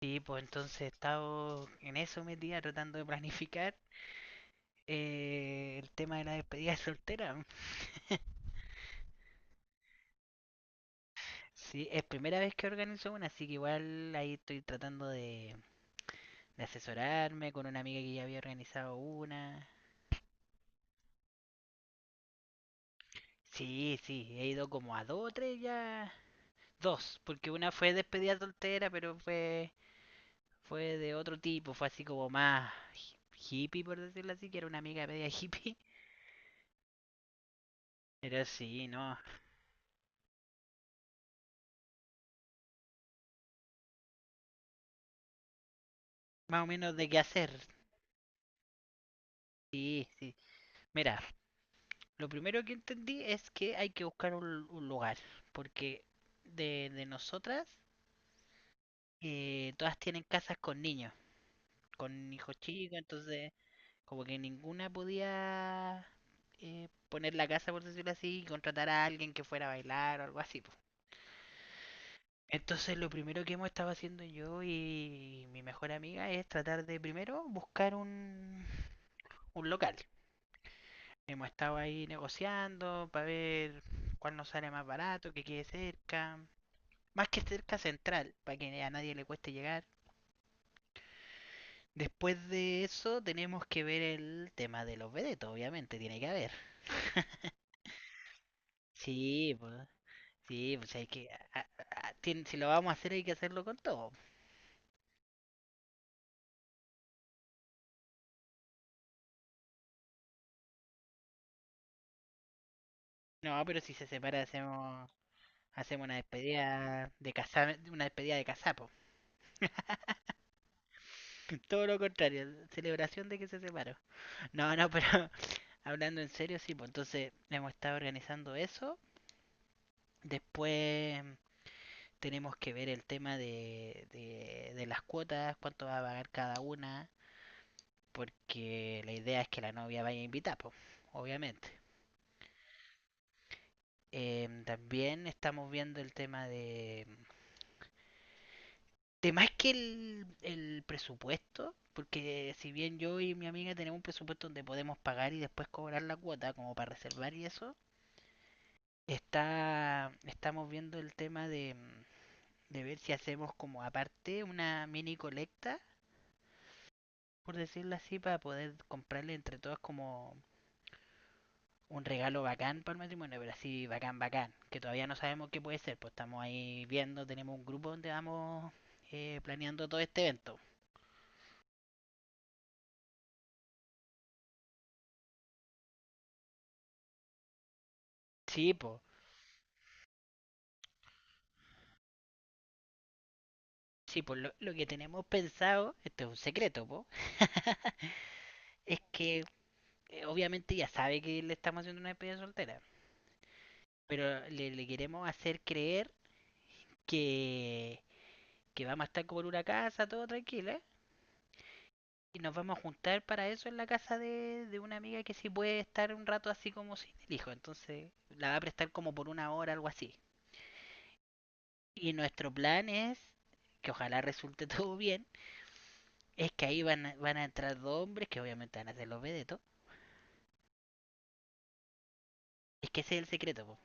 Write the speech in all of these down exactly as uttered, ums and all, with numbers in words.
Sí, pues entonces he estado en eso metida tratando de planificar eh, el tema de la despedida soltera. Sí, es primera vez que organizo una, así que igual ahí estoy tratando de, de asesorarme con una amiga que ya había organizado una. Sí, sí, he ido como a dos o tres ya. Dos, porque una fue despedida soltera, pero fue, fue de otro tipo, fue así como más hi- hippie, por decirlo así, que era una amiga media hippie. Pero sí, no, más o menos de qué hacer. Sí, sí. Mira, lo primero que entendí es que hay que buscar un, un lugar, porque de, de nosotras eh, todas tienen casas con niños, con hijos chicos, entonces como que ninguna podía eh, poner la casa, por decirlo así, y contratar a alguien que fuera a bailar o algo así, po. Entonces lo primero que hemos estado haciendo yo y mi mejor amiga es tratar de primero buscar un, un local. Hemos estado ahí negociando para ver cuál nos sale más barato, que quede cerca. Más que cerca central, para que a nadie le cueste llegar. Después de eso tenemos que ver el tema de los vedetos, obviamente, tiene que haber. Sí, pues, sí, pues hay que, a- a- a- tien- si lo vamos a hacer hay que hacerlo con todo. No, pero si se separa hacemos, hacemos una despedida de casa, una despedida de casapo. Todo lo contrario, celebración de que se separó. No, no, pero hablando en serio, sí, pues entonces hemos estado organizando eso. Después mm, tenemos que ver el tema de, de, de las cuotas, cuánto va a pagar cada una, porque la idea es que la novia vaya a invitar, pues, obviamente. Em, también estamos viendo el tema de... de más que el, el presupuesto, porque si bien yo y mi amiga tenemos un presupuesto donde podemos pagar y después cobrar la cuota como para reservar y eso, está, estamos viendo el tema de, mm, de ver si hacemos como aparte una mini colecta, por decirlo así, para poder comprarle entre todos como un regalo bacán para el matrimonio, pero así bacán, bacán, que todavía no sabemos qué puede ser, pues estamos ahí viendo, tenemos un grupo donde vamos eh, planeando todo este evento. Sí, pues, sí, pues lo, lo, que tenemos pensado, esto es un secreto, po. Es que eh, obviamente ya sabe que le estamos haciendo una despedida soltera, pero le, le queremos hacer creer que que vamos a estar como en una casa, todo tranquilo, ¿eh? Y nos vamos a juntar para eso en la casa de, de una amiga que sí puede estar un rato así como sin el hijo. Entonces la va a prestar como por una hora, algo así. Y nuestro plan es, que ojalá resulte todo bien, es que ahí van a, van a entrar dos hombres que obviamente van a ser los vedetos. Es que ese es el secreto, po.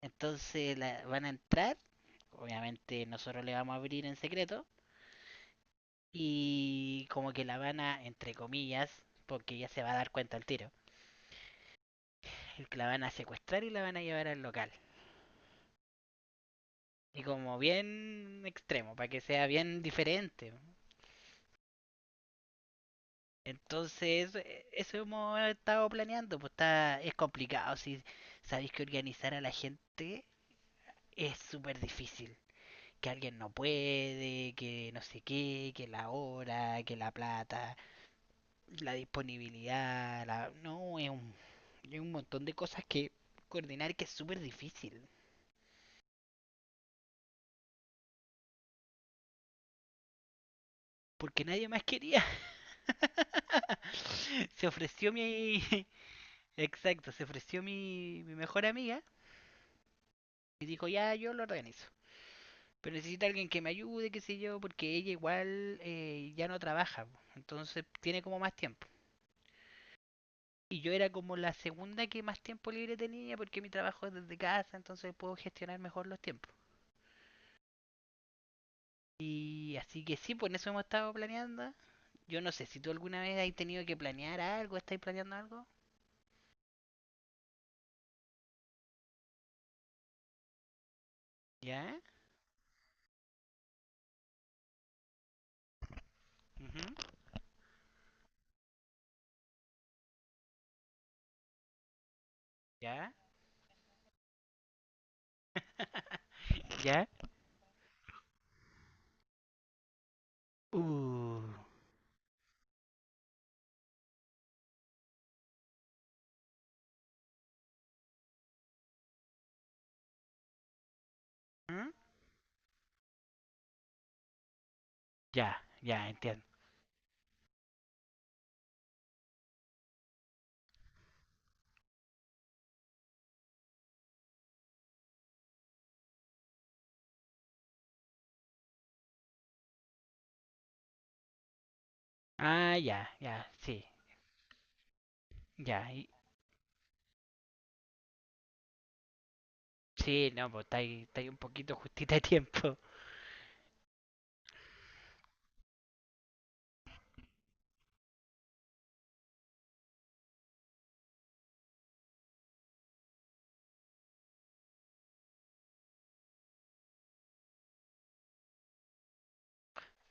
Entonces la- van a entrar, obviamente nosotros le vamos a abrir en secreto y como que la van a, entre comillas, porque ya se va a dar cuenta al tiro, la van a secuestrar y la van a llevar al local. Y como bien extremo, para que sea bien diferente. Entonces, eh, eso hemos estado planeando, pues está, es complicado. Si sabéis que organizar a la gente es súper difícil. Que alguien no puede, que no sé qué, que la hora, que la plata, la disponibilidad, la, no, es un, es un montón de cosas que coordinar que es súper difícil. Porque nadie más quería. Se ofreció mi, Exacto, se ofreció mi, mi mejor amiga y dijo, ya, yo lo organizo. Pero necesita alguien que me ayude, qué sé yo, porque ella igual eh, ya no trabaja, po, entonces tiene como más tiempo. Y yo era como la segunda que más tiempo libre tenía porque mi trabajo es desde casa, entonces puedo gestionar mejor los tiempos. Y así que sí, pues en eso hemos estado planeando. Yo no sé, si tú alguna vez has tenido que planear algo, ¿estáis planeando algo? ¿Ya? Ujú. ¿Ya? ¿Ya? Uh, ¿mm? Ya, ya, entiendo. Ah, ya, ya, sí, ya. Y- sí, no, pues está ahí, está ahí un poquito justita de tiempo.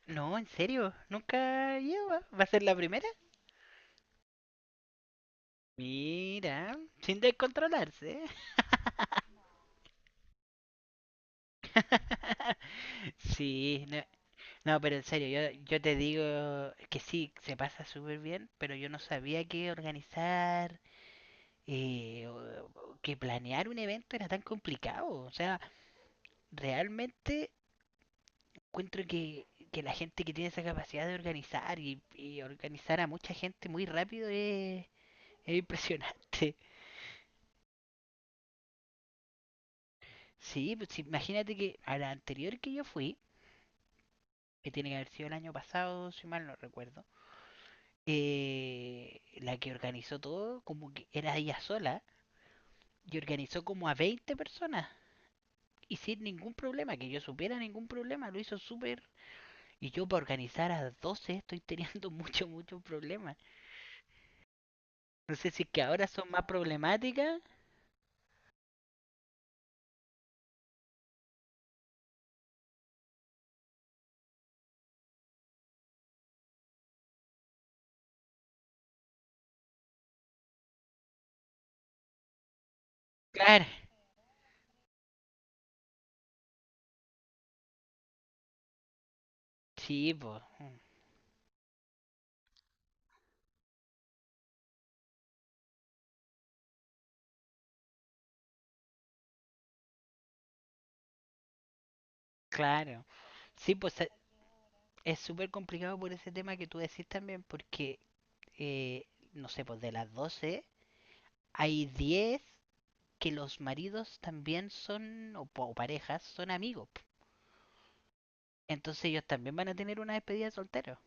No, en serio, nunca lleva. ¿Va a ser la primera? Mira, sin descontrolarse. Sí, no, no, pero en serio, yo, yo te digo que sí, se pasa súper bien, pero yo no sabía que organizar, eh, o- o que planear un evento era tan complicado. O sea, realmente encuentro que, que la gente que tiene esa capacidad de organizar y, y organizar a mucha gente muy rápido es, es impresionante. Sí, pues sí, imagínate que a la anterior que yo fui, que tiene que haber sido el año pasado, si mal no recuerdo, eh, la que organizó todo, como que era ella sola, y organizó como a veinte personas. Y sin ningún problema, que yo supiera ningún problema, lo hizo súper. Y yo para organizar a doce estoy teniendo mucho, mucho problemas. No sé si es que ahora son más problemáticas. Claro, sí, pues, claro. Sí, pues e- es súper complicado por ese tema que tú decís también, porque, eh, no sé, pues de las doce hay diez que los maridos también son, o, pa- o parejas, son amigos, po. Entonces ellos también van a tener una despedida de soltero.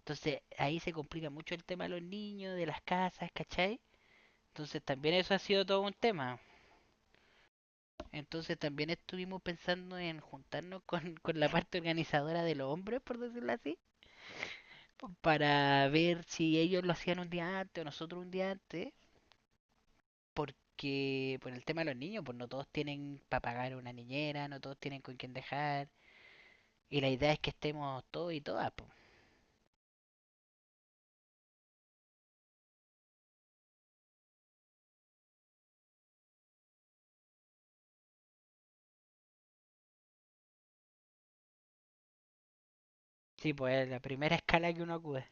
Entonces ahí se complica mucho el tema de los niños, de las casas, ¿cachai? Entonces también eso ha sido todo un tema. Entonces también estuvimos pensando en juntarnos con, con la parte organizadora de los hombres, por decirlo así, para ver si ellos lo hacían un día antes o nosotros un día antes, porque por el tema de los niños, pues no todos tienen para pagar una niñera, no todos tienen con quién dejar, y la idea es que estemos todos y todas, pues. Sí, pues es la primera escala que uno acude.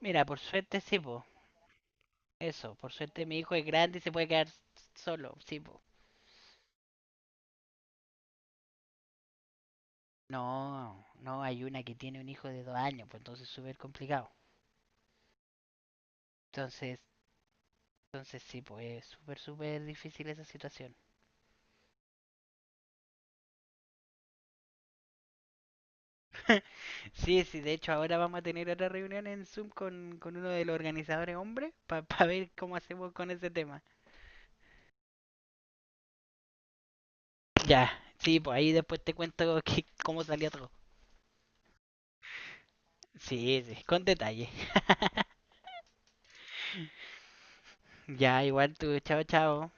Mira, por suerte sí, pues. Eso, por suerte mi hijo es grande y se puede quedar solo, sí, pues. No, no, hay una que tiene un hijo de dos años, pues entonces es súper complicado. Entonces, entonces sí, pues es súper, súper difícil esa situación. Sí, sí, de hecho ahora vamos a tener otra reunión en Zoom con, con uno de los organizadores hombres para ver cómo hacemos con ese tema. Ya, sí, pues ahí después te cuento que- cómo salió todo. Sí, sí, con detalle. Ya, igual tú, chao, chao.